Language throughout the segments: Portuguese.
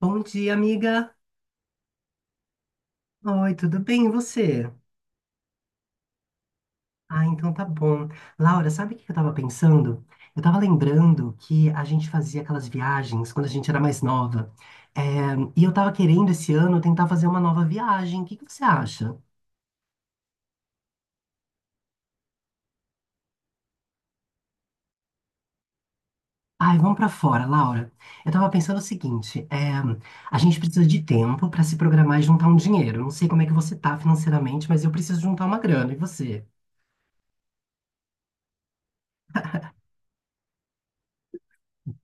Bom dia, amiga. Oi, tudo bem? E você? Ah, então tá bom. Laura, sabe o que eu tava pensando? Eu tava lembrando que a gente fazia aquelas viagens quando a gente era mais nova. É, e eu tava querendo esse ano tentar fazer uma nova viagem. O que que você acha? Ai, vamos pra fora, Laura. Eu tava pensando o seguinte: a gente precisa de tempo pra se programar e juntar um dinheiro. Eu não sei como é que você tá financeiramente, mas eu preciso juntar uma grana. E você?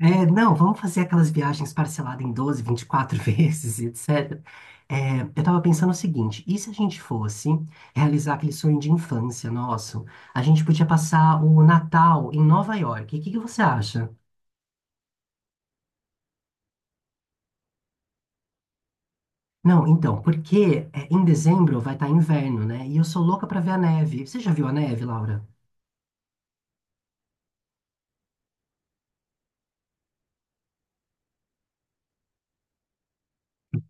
É, não, vamos fazer aquelas viagens parceladas em 12, 24 vezes, etc. É, eu tava pensando o seguinte: e se a gente fosse realizar aquele sonho de infância nosso? A gente podia passar o Natal em Nova York. O que que você acha? Não, então, porque em dezembro vai estar inverno, né? E eu sou louca pra ver a neve. Você já viu a neve, Laura?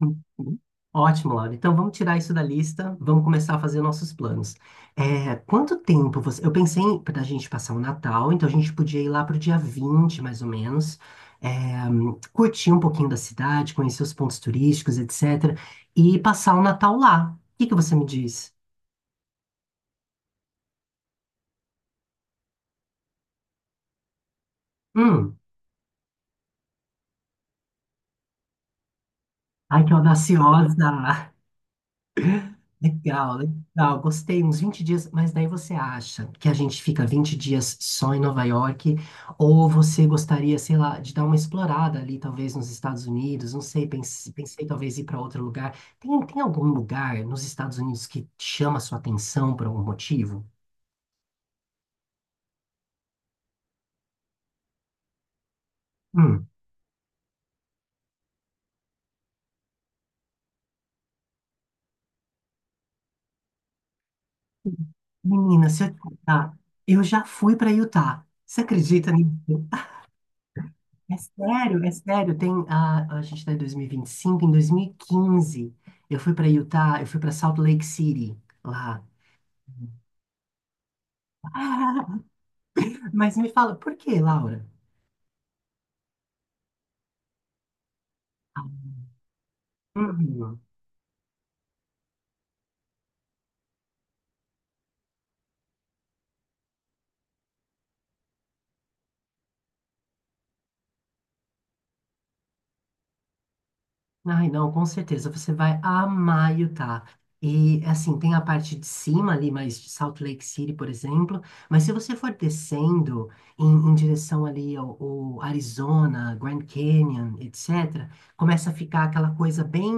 Uhum. Ótimo, Laura. Então vamos tirar isso da lista, vamos começar a fazer nossos planos. É, quanto tempo você. Eu pensei para a gente passar o Natal, então a gente podia ir lá para o dia 20, mais ou menos, é, curtir um pouquinho da cidade, conhecer os pontos turísticos, etc. E passar o Natal lá. O que que você me diz? Hum, ai, que audaciosa! Legal, legal, gostei, uns 20 dias. Mas daí você acha que a gente fica 20 dias só em Nova York, ou você gostaria, sei lá, de dar uma explorada ali, talvez nos Estados Unidos? Não sei, pensei, talvez ir para outro lugar. Tem algum lugar nos Estados Unidos que chama a sua atenção por algum motivo? Hum, menina, se eu te contar, eu já fui para Utah, você acredita nisso? É sério, é sério. A gente está em dois mil e vinte e cinco. Em 2015 eu fui para Utah, eu fui para Salt Lake City lá. Mas me fala, por que, Laura? Ah, uhum. Ai, não, com certeza, você vai amar Utah. E, assim, tem a parte de cima ali, mais de Salt Lake City, por exemplo, mas se você for descendo em direção ali ao Arizona, Grand Canyon, etc., começa a ficar aquela coisa bem,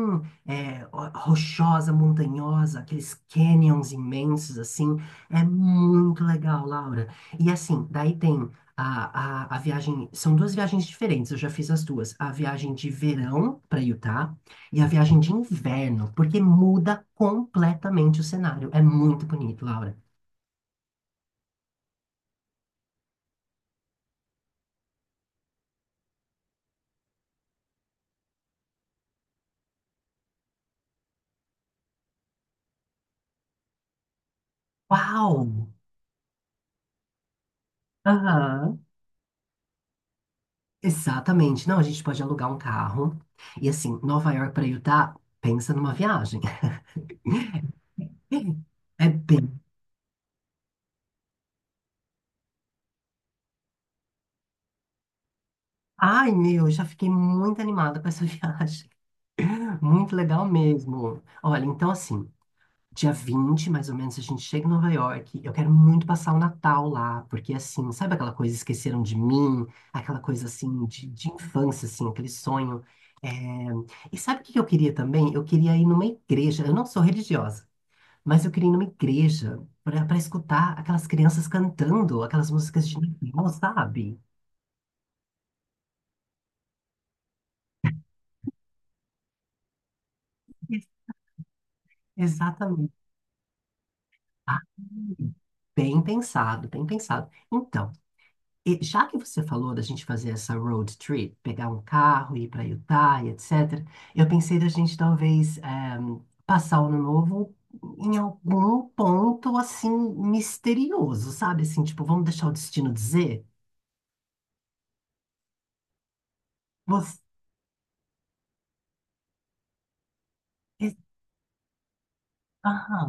rochosa, montanhosa, aqueles canyons imensos, assim. É muito legal, Laura. E, assim, daí tem a viagem. São duas viagens diferentes, eu já fiz as duas. A viagem de verão para Utah e a viagem de inverno, porque muda completamente o cenário. É muito bonito, Laura. Uau! Aham, exatamente. Não, a gente pode alugar um carro. E assim, Nova York para Utah, pensa numa viagem. É bem. Ai, meu, eu já fiquei muito animada com essa viagem. Muito legal mesmo. Olha, então assim. Dia 20 mais ou menos, a gente chega em Nova York. Eu quero muito passar o Natal lá, porque assim, sabe aquela coisa, esqueceram de mim, aquela coisa assim de infância, assim, aquele sonho. É, e sabe o que que eu queria também? Eu queria ir numa igreja. Eu não sou religiosa, mas eu queria ir numa igreja para escutar aquelas crianças cantando aquelas músicas de Natal, sabe? Ex- Exatamente. Ah, bem pensado, bem pensado. Então, e já que você falou da gente fazer essa road trip, pegar um carro, ir para Utah e etc., eu pensei da gente talvez passar o ano novo em algum ponto assim misterioso, sabe? Assim, tipo, vamos deixar o destino dizer? Você... Ah,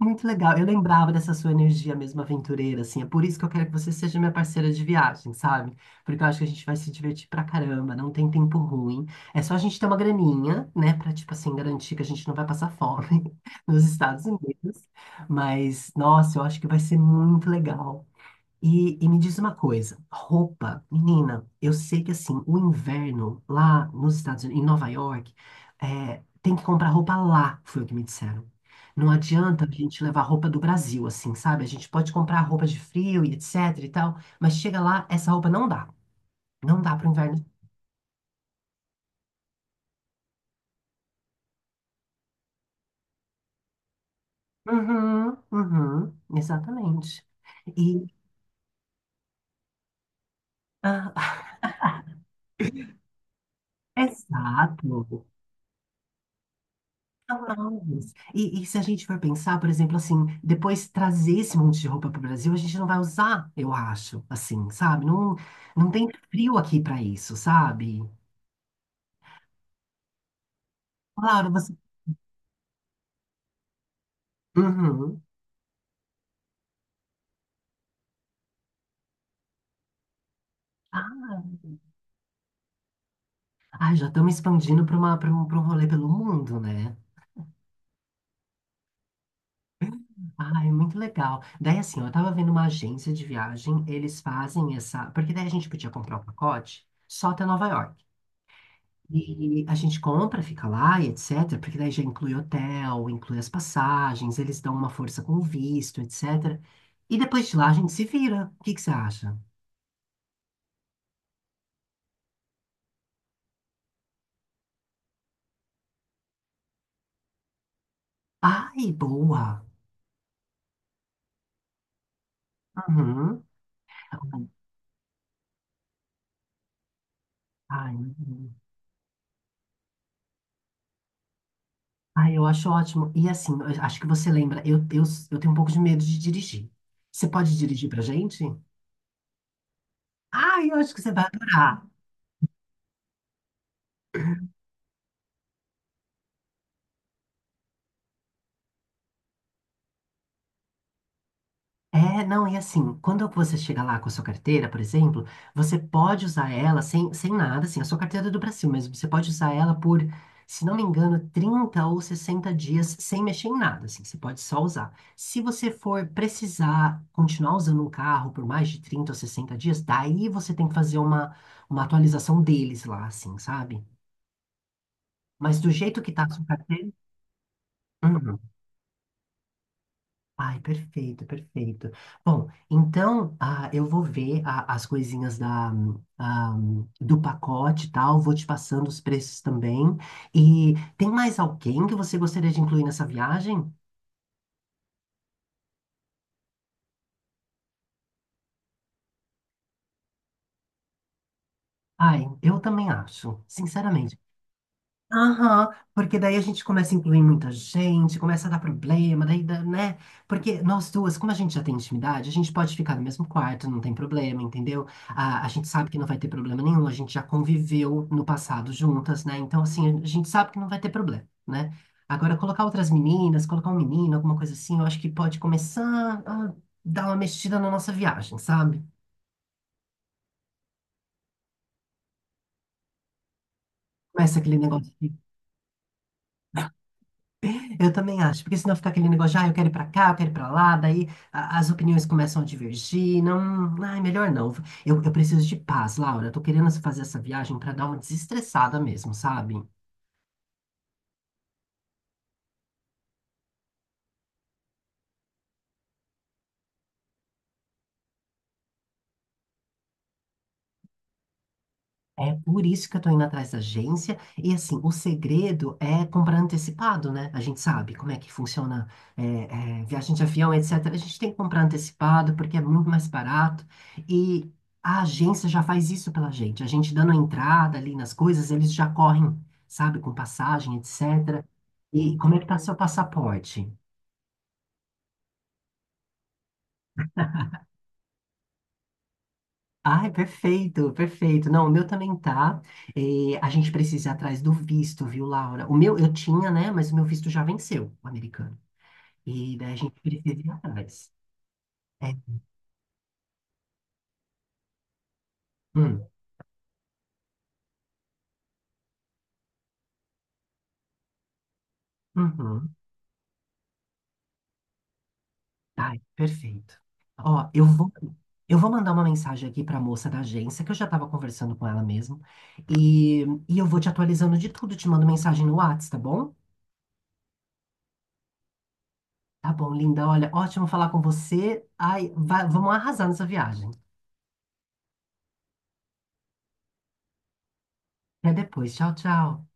muito legal. Eu lembrava dessa sua energia mesmo aventureira, assim. É por isso que eu quero que você seja minha parceira de viagem, sabe? Porque eu acho que a gente vai se divertir pra caramba, não tem tempo ruim. É só a gente ter uma graninha, né? Pra, tipo assim, garantir que a gente não vai passar fome nos Estados Unidos. Mas, nossa, eu acho que vai ser muito legal. E, me diz uma coisa: roupa, menina, eu sei que assim, o inverno lá nos Estados Unidos, em Nova York, tem que comprar roupa lá, foi o que me disseram. Não adianta a gente levar roupa do Brasil, assim, sabe? A gente pode comprar roupa de frio e etc e tal, mas chega lá, essa roupa não dá. Não dá pro inverno. Uhum, uhum, exatamente. E, ah, exato. Mas, se a gente for pensar, por exemplo, assim, depois trazer esse monte de roupa para o Brasil, a gente não vai usar, eu acho, assim, sabe? Não, não tem frio aqui para isso, sabe? Claro, você. Uhum. Ah, ai, já estamos expandindo para uma, para um rolê pelo mundo, né? Ai, muito legal. Daí, assim, ó, eu tava vendo uma agência de viagem, eles fazem essa. Porque daí a gente podia comprar o pacote só até Nova York. E a gente compra, fica lá e etc, porque daí já inclui hotel, inclui as passagens, eles dão uma força com o visto, etc. E depois de lá a gente se vira. O que que você acha? Ai, boa. Uhum. Ai, uhum. Ai, eu acho ótimo. E assim, eu acho que você lembra, eu tenho um pouco de medo de dirigir. Você pode dirigir pra gente? Ai, eu acho que você vai adorar. É, não, e assim, quando você chega lá com a sua carteira, por exemplo, você pode usar ela sem nada, assim. A sua carteira é do Brasil mesmo, você pode usar ela por, se não me engano, 30 ou 60 dias sem mexer em nada, assim, você pode só usar. Se você for precisar continuar usando um carro por mais de 30 ou 60 dias, daí você tem que fazer uma atualização deles lá, assim, sabe? Mas do jeito que tá a sua carteira. Hum. Ai, perfeito, perfeito. Bom, então eu vou ver as coisinhas da, do pacote e tal, vou te passando os preços também. E tem mais alguém que você gostaria de incluir nessa viagem? Ai, eu também acho, sinceramente. Aham, porque daí a gente começa a incluir muita gente, começa a dar problema, daí, né? Porque nós duas, como a gente já tem intimidade, a gente pode ficar no mesmo quarto, não tem problema, entendeu? A gente sabe que não vai ter problema nenhum, a gente já conviveu no passado juntas, né? Então, assim, a gente sabe que não vai ter problema, né? Agora, colocar outras meninas, colocar um menino, alguma coisa assim, eu acho que pode começar a dar uma mexida na nossa viagem, sabe? Começa aquele negócio. Eu também acho, porque senão fica aquele negócio de, eu quero ir pra cá, eu quero ir pra lá, daí as opiniões começam a divergir. Não, ai, melhor não. Eu preciso de paz, Laura, eu tô querendo fazer essa viagem pra dar uma desestressada mesmo, sabe? É por isso que eu tô indo atrás da agência. E assim, o segredo é comprar antecipado, né? A gente sabe como é que funciona viagem de avião, etc. A gente tem que comprar antecipado porque é muito mais barato. E a agência já faz isso pela gente. A gente dando a entrada ali nas coisas, eles já correm, sabe, com passagem, etc. E como é que tá seu passaporte? Ai, perfeito, perfeito. Não, o meu também tá. A gente precisa ir atrás do visto, viu, Laura? O meu eu tinha, né? Mas o meu visto já venceu, o americano. E daí a gente precisa ir atrás. É. Hum, uhum. Ai, perfeito. Ó, eu vou mandar uma mensagem aqui para a moça da agência, que eu já estava conversando com ela mesmo. E, eu vou te atualizando de tudo, te mando mensagem no Whats, tá bom? Tá bom, linda. Olha, ótimo falar com você. Ai, vamos arrasar nessa viagem. Até depois. Tchau, tchau.